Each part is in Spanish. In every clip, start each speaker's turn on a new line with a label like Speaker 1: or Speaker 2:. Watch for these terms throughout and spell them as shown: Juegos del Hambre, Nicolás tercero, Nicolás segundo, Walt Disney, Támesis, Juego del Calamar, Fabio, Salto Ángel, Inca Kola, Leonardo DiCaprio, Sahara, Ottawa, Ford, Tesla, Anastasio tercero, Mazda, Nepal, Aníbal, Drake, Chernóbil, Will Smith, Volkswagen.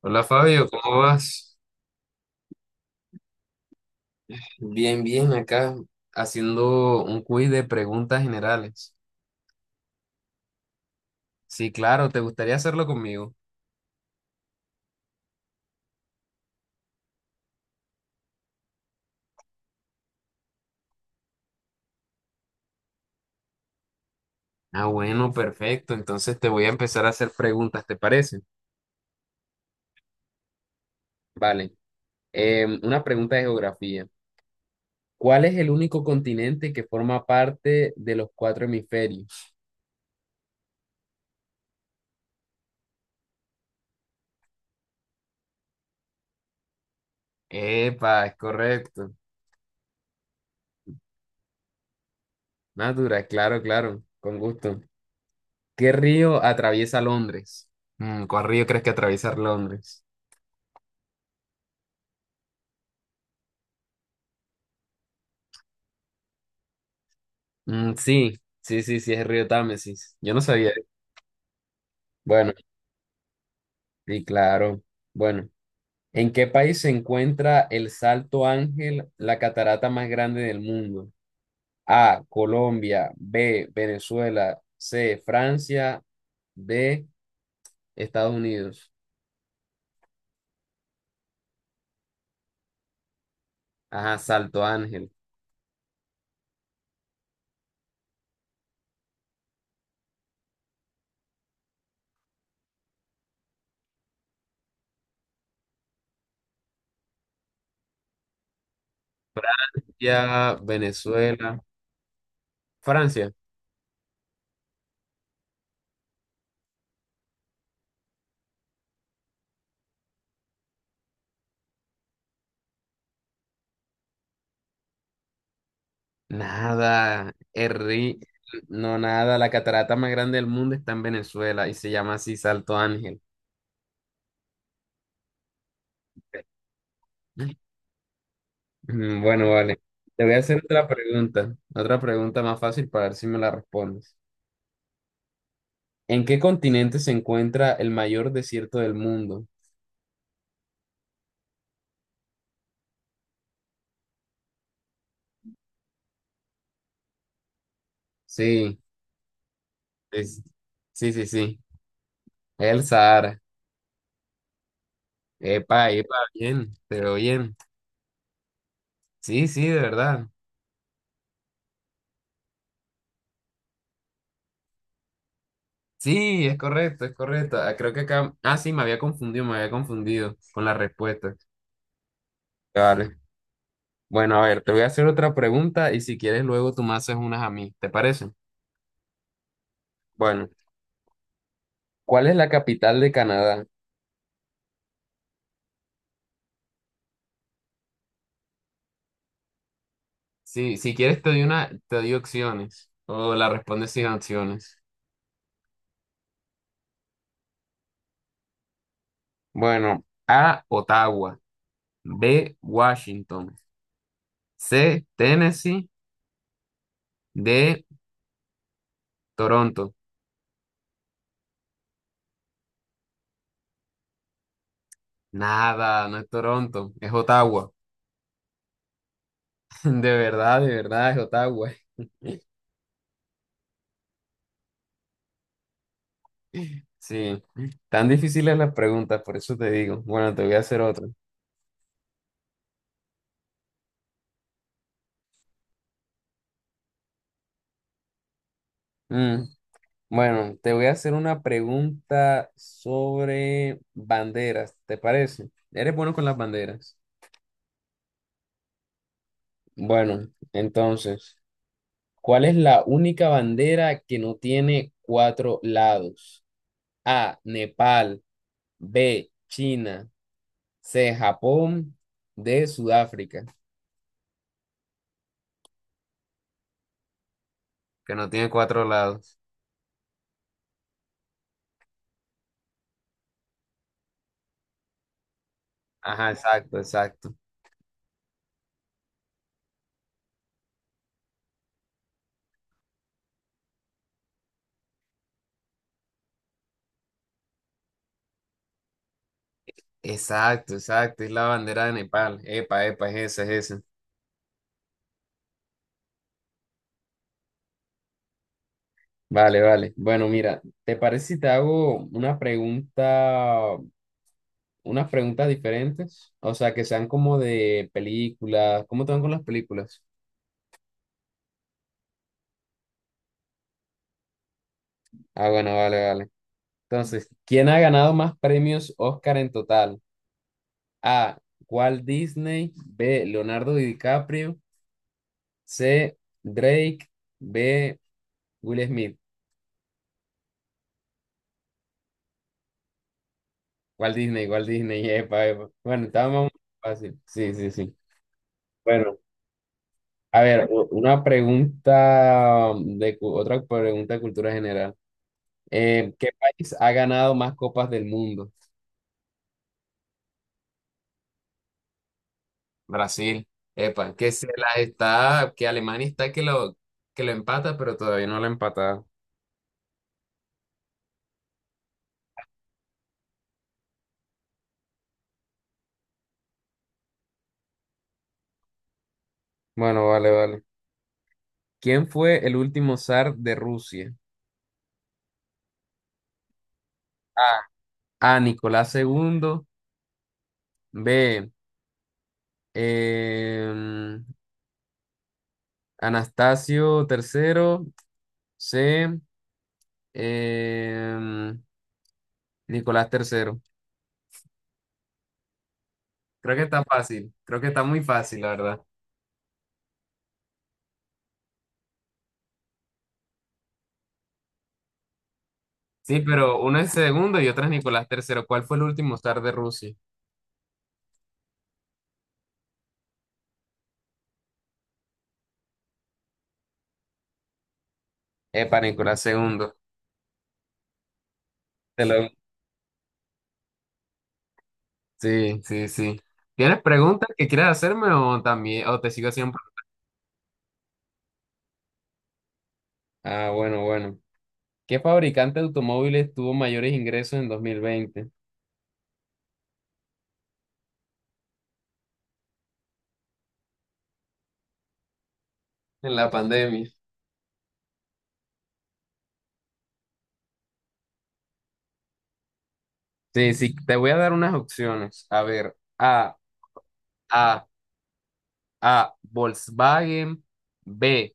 Speaker 1: Hola Fabio, ¿cómo vas? Bien, bien, acá haciendo un quiz de preguntas generales. Sí, claro, ¿te gustaría hacerlo conmigo? Ah, bueno, perfecto. Entonces te voy a empezar a hacer preguntas, ¿te parece? Vale. Una pregunta de geografía. ¿Cuál es el único continente que forma parte de los cuatro hemisferios? Epa, es correcto. Natura, claro, claro, con gusto. ¿Qué río atraviesa Londres? ¿Cuál río crees que atraviesa Londres? Mm, sí, sí, sí, sí, es el río Támesis. Yo no sabía. Bueno, sí, claro. Bueno, ¿en qué país se encuentra el Salto Ángel, la catarata más grande del mundo? A, Colombia; B, Venezuela; C, Francia; D, Estados Unidos. Ajá, Salto Ángel. Ya, Venezuela, Francia. Nada, no, nada, la catarata más grande del mundo está en Venezuela y se llama así Salto Ángel. Bueno, vale. Te voy a hacer otra pregunta más fácil para ver si me la respondes. ¿En qué continente se encuentra el mayor desierto del mundo? Sí, es- sí, sí, sí. El Sahara. Epa, epa, bien, pero bien. Sí, sí, de verdad. Sí, es correcto, es correcto. Ah, creo que acá... Ah, sí, me había confundido con la respuesta. Vale. Bueno, a ver, te voy a hacer otra pregunta y si quieres luego tú me haces unas a mí, ¿te parece? Bueno, ¿cuál es la capital de Canadá? Sí, si quieres te doy una, te doy opciones o la respondes sin opciones. Bueno, A, Ottawa; B, Washington; C, Tennessee; D, Toronto. Nada, no es Toronto, es Ottawa. De verdad es Ottawa. Sí, tan difíciles las preguntas, por eso te digo. Bueno, te voy a hacer otra. Mm, Bueno, te voy a hacer una pregunta sobre banderas, ¿te parece? ¿Eres bueno con las banderas? Bueno, entonces, ¿cuál es la única bandera que no tiene cuatro lados? A, Nepal; B, China; C, Japón; D, Sudáfrica. Que no tiene cuatro lados. Ajá, exacto, exacto. Exacto, exacto. Es la bandera de Nepal. Epa, epa, es esa, es esa. Vale, vale. Bueno, mira, ¿te parece si te hago una pregunta, unas preguntas diferentes? O sea, que sean como de películas. ¿Cómo te van con las películas? Ah, bueno, vale, vale. Entonces, ¿quién ha ganado más premios Oscar en total? A, Walt Disney; B, Leonardo DiCaprio; C, Drake; B, Will Smith. Walt Disney, Walt Disney. Epa, epa. Bueno, estaba muy fácil. Sí, sí, sí. Bueno, a ver, una pregunta de otra pregunta de cultura general. ¿Qué país ha ganado más copas del mundo? Brasil, epa, que se la está, que Alemania está que lo empata, pero todavía no lo ha empatado. Bueno, vale, vale. ¿Quién fue el último zar de Rusia? A. A. Nicolás II; B, em, Anastasio III; C, em, Nicolás III. Creo que está fácil. Creo que está muy fácil, la verdad. Sí, pero uno es segundo y otro es Nicolás III. ¿Cuál fue el último zar de Rusia? Epa, Nicolás II. Te lo Sí, sí, sí. ¿Tienes preguntas que quieras hacerme o también, o te sigo siempre? Ah, bueno, bueno. ¿Qué fabricante de automóviles tuvo mayores ingresos en 2020? En la pandemia. Sí, sí, te voy a dar unas opciones. A ver, A, A, Volkswagen; B,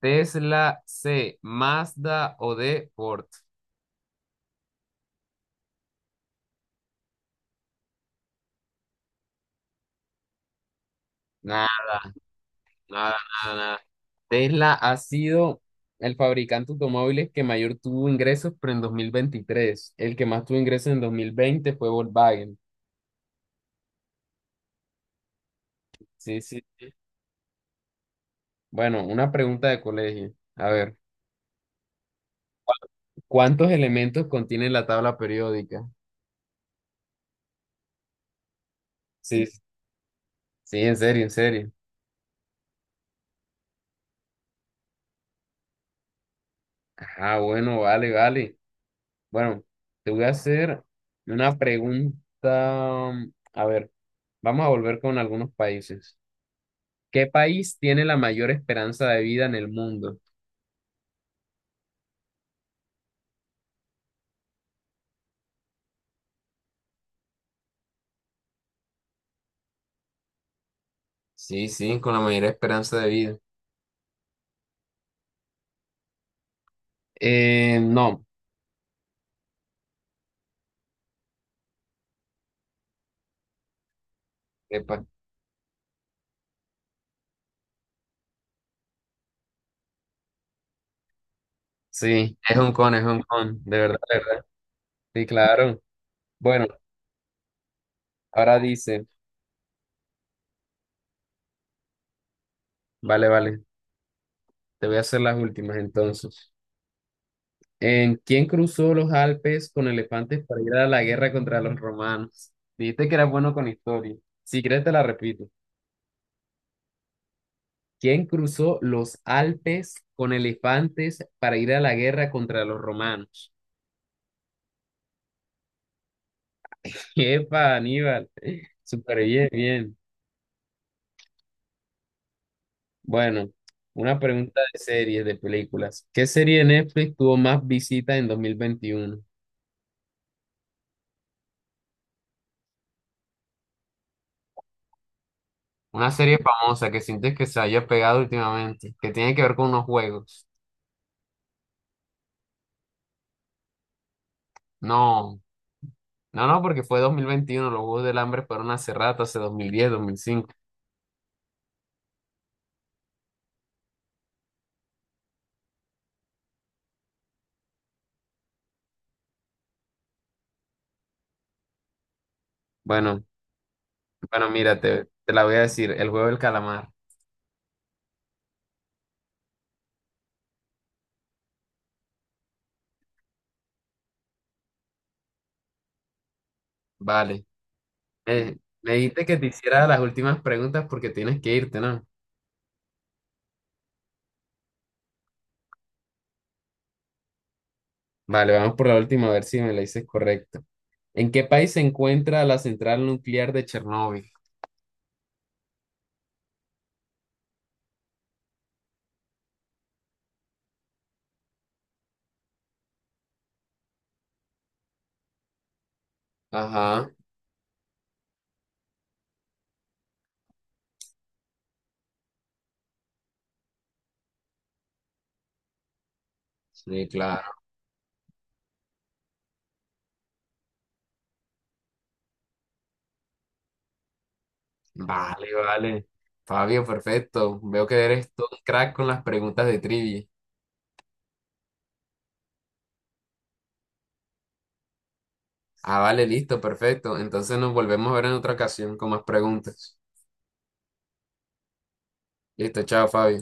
Speaker 1: Tesla; C, Mazda; o D, Ford. Nah, nada, nada, nada, Tesla ha sido el fabricante de automóviles que mayor tuvo ingresos, pero en 2023. El que más tuvo ingresos en 2020 fue Volkswagen. Sí, sí. Bueno, una pregunta de colegio. A ver, ¿cuántos elementos contiene la tabla periódica? Sí, sí, en serio, en serio. Ah, bueno, vale, vale. Bueno, te voy a hacer una pregunta. A ver, vamos a volver con algunos países. ¿Qué país tiene la mayor esperanza de vida en el mundo? Sí, sí, con la mayor esperanza de vida. No, epa, sí, es un con, de verdad, de verdad. Sí, claro. Bueno, ahora dice, vale, vale, te voy a hacer las últimas entonces. ¿En quién cruzó los Alpes con elefantes para ir a la guerra contra los romanos? Dijiste que eras bueno con historia. Si quieres te la repito. ¿Quién cruzó los Alpes con elefantes para ir a la guerra contra los romanos? Epa, Aníbal. Súper bien, bien. Bueno, una pregunta de series, de películas. ¿Qué serie de Netflix tuvo más visitas en 2021? Una serie famosa que sientes que se haya pegado últimamente, que tiene que ver con unos juegos. No, no, no, porque fue 2021. Los Juegos del Hambre fueron hace rato, hace dos mil diez, 2005. Bueno, bueno, mira, te la voy a decir, el juego del calamar. Vale. Me dijiste que te hiciera las últimas preguntas porque tienes que irte, ¿no? Vale, vamos por la última a ver si me la dices correcta. ¿En qué país se encuentra la central nuclear de Chernóbil? Ajá, sí, claro. Vale, vale. Fabio, perfecto. Veo que eres todo un crack con las preguntas de trivia. Ah, vale, listo, perfecto. Entonces nos volvemos a ver en otra ocasión con más preguntas. Listo, chao, Fabio.